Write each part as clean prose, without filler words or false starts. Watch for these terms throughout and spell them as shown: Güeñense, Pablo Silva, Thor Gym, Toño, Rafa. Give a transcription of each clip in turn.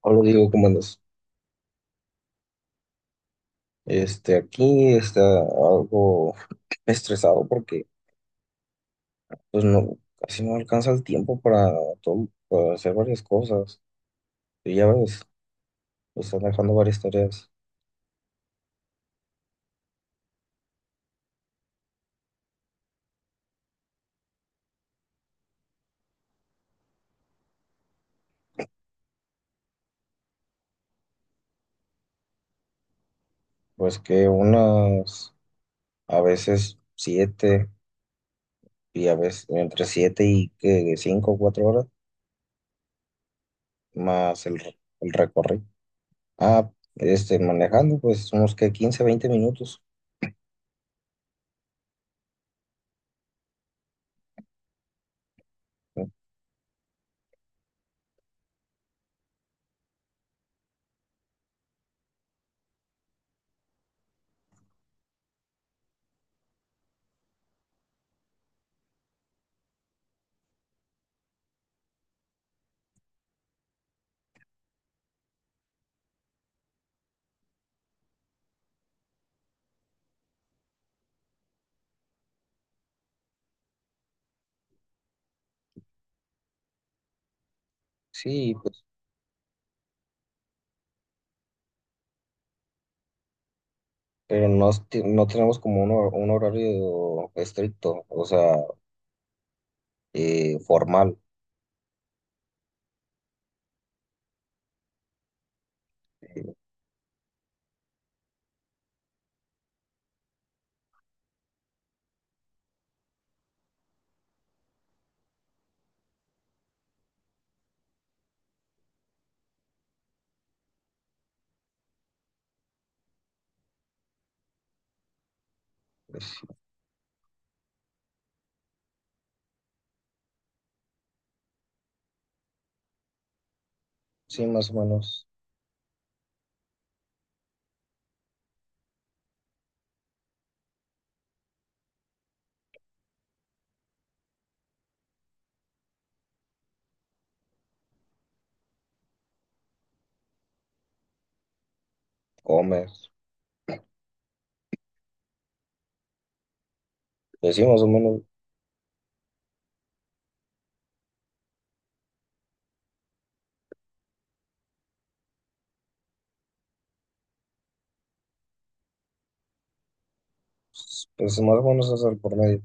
Hola, digo, ¿cómo andas? Aquí está algo estresado porque pues no, casi no alcanza el tiempo para, para hacer varias cosas. Y ya ves, me están dejando varias tareas. Pues que unas, a veces 7, y a veces entre 7 y que 5 o 4 horas, más el recorrido. Ah, Manejando pues unos que 15 20 minutos. Sí, pues. Pero no, no tenemos como un horario estricto, o sea, formal. Pues. Sí, más o menos. Comes. Pues sí, más o menos. Pues más o menos es el por medio.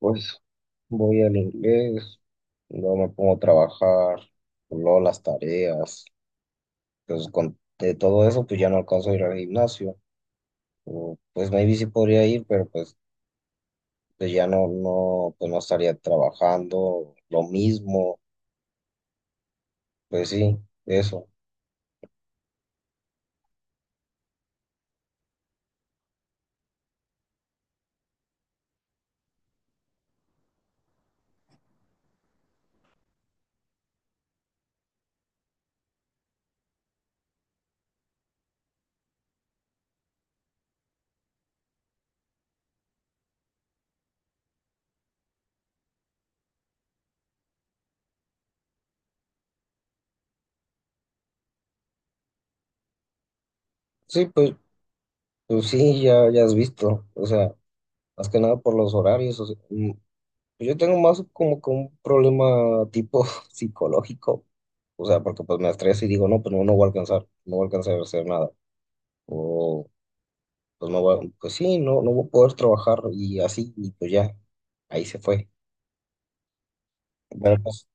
Pues voy al inglés, luego me pongo a trabajar, luego las tareas. Pues con de todo eso, pues ya no alcanzo a ir al gimnasio. O pues maybe sí podría ir, pero pues, pues ya no, no, pues no estaría trabajando lo mismo. Pues sí, eso. Sí, pues. Pues sí, ya, ya has visto, o sea, más que nada por los horarios. O sea, yo tengo más como que un problema tipo psicológico, o sea, porque pues me estreso y digo, no, pues no, no voy a alcanzar, no voy a alcanzar a hacer nada, o pues no voy, pues sí, no, no voy a poder trabajar y así, y pues ya, ahí se fue. Pero pues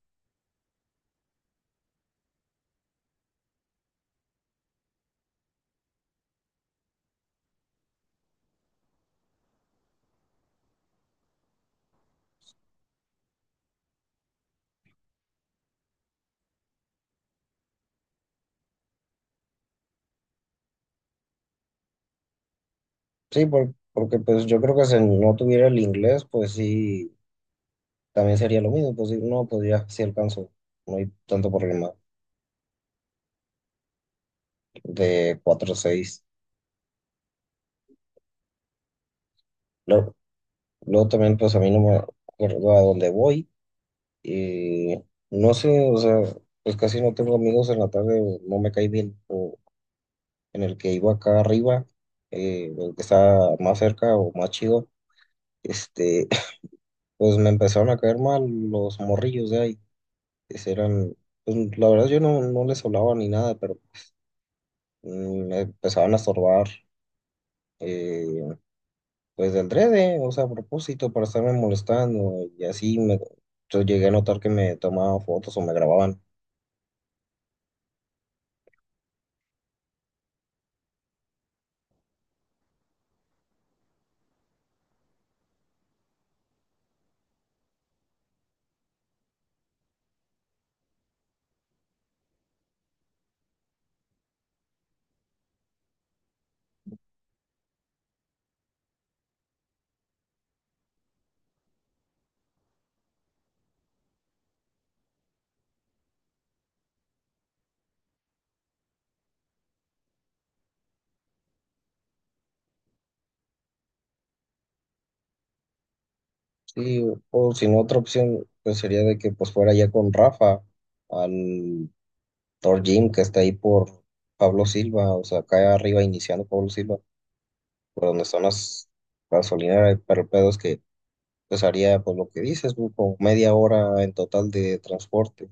sí, porque pues yo creo que si no tuviera el inglés, pues sí, también sería lo mismo, pues sí, no, pues ya, sí alcanzo, no hay tanto problema. De cuatro o 6. Luego también, pues a mí no me acuerdo a dónde voy. eh, no sé, o sea, pues casi no tengo amigos en la tarde, o no me cae bien. O en el que iba acá arriba, el que está más cerca o más chido, este, pues me empezaron a caer mal los morrillos de ahí, que eran, pues la verdad yo no, no les hablaba ni nada, pero pues, me empezaban a estorbar. eh, pues de adrede, o sea, a propósito, para estarme molestando y así yo llegué a notar que me tomaban fotos o me grababan. Sí, o si no, otra opción pues sería de que pues fuera ya con Rafa al Thor Gym que está ahí por Pablo Silva, o sea, acá arriba iniciando Pablo Silva, por donde están las gasolineras. Pero el pedo es que pues haría pues lo que dices, güey, como media hora en total de transporte.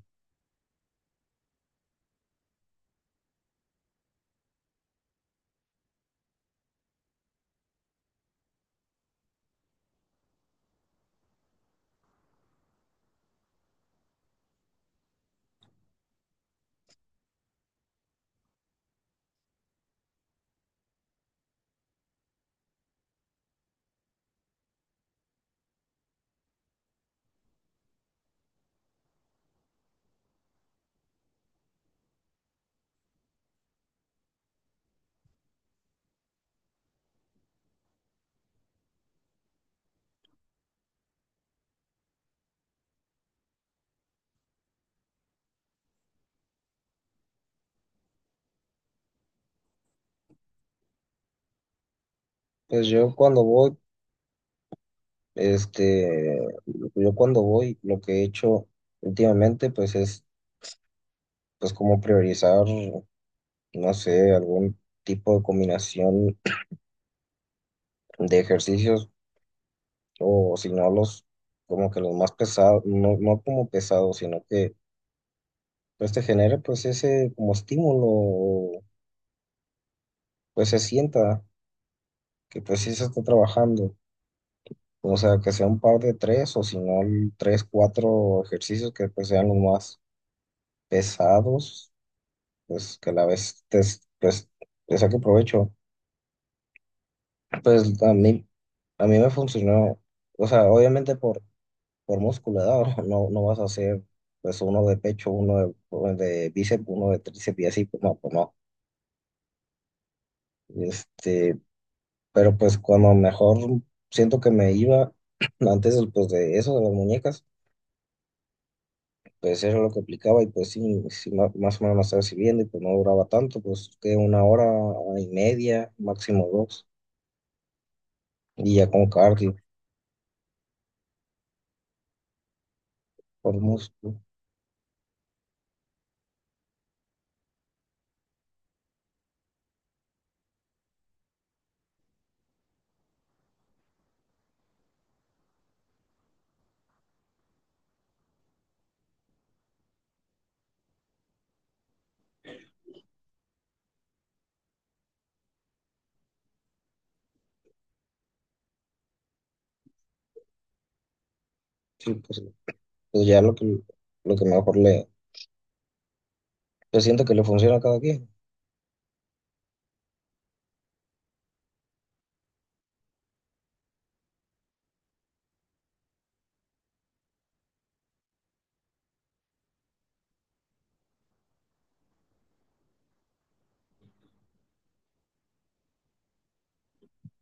Pues yo cuando voy Este, yo cuando voy, lo que he hecho últimamente, pues es, pues como priorizar, no sé, algún tipo de combinación de ejercicios, o si no los, como que los más pesados, no, no como pesados, sino que pues te genere pues ese como estímulo, pues se sienta que pues sí se está trabajando. O sea, que sea un par de tres o si no tres, cuatro ejercicios que pues sean los más pesados, pues que a la vez te, le saque provecho. Pues a mí me funcionó, o sea, obviamente por musculatura, no, no vas a hacer pues uno de pecho, uno de bíceps, uno de tríceps y así, pues no, pues no. Este, pero pues cuando mejor siento que me iba de eso, de las muñecas, pues era lo que aplicaba y pues sí, sí, más o menos me estaba sirviendo y pues no duraba tanto, pues que una hora, hora y media, máximo dos. Y ya con cardio por músculo. Sí, pues ya lo que mejor le, pues siento que le funciona a cada quien.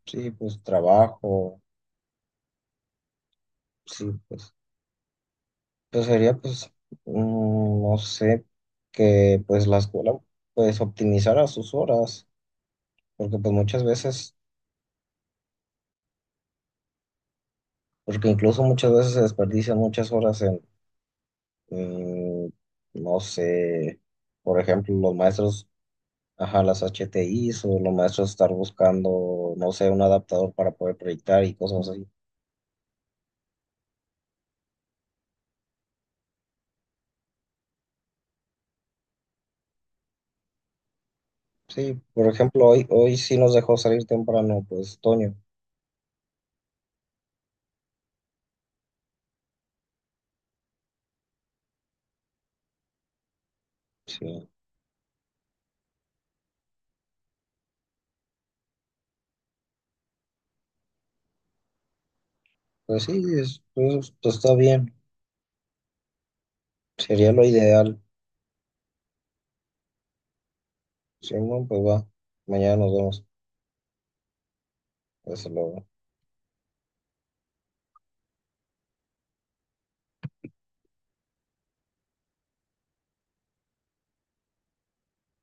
Sí, pues trabajo, sí, pues, sería pues, no sé, que pues la escuela pues optimizara sus horas, porque pues muchas veces, porque incluso muchas veces se desperdician muchas horas en, mm, no sé, por ejemplo, los maestros, ajá, las H T HTIs o los maestros estar buscando, no sé, un adaptador para poder proyectar y cosas así. Sí, por ejemplo, hoy sí nos dejó salir temprano, pues Toño. Sí, pues sí, pues, está bien, sería lo ideal. Simón, pues va, mañana nos vemos. Hasta luego.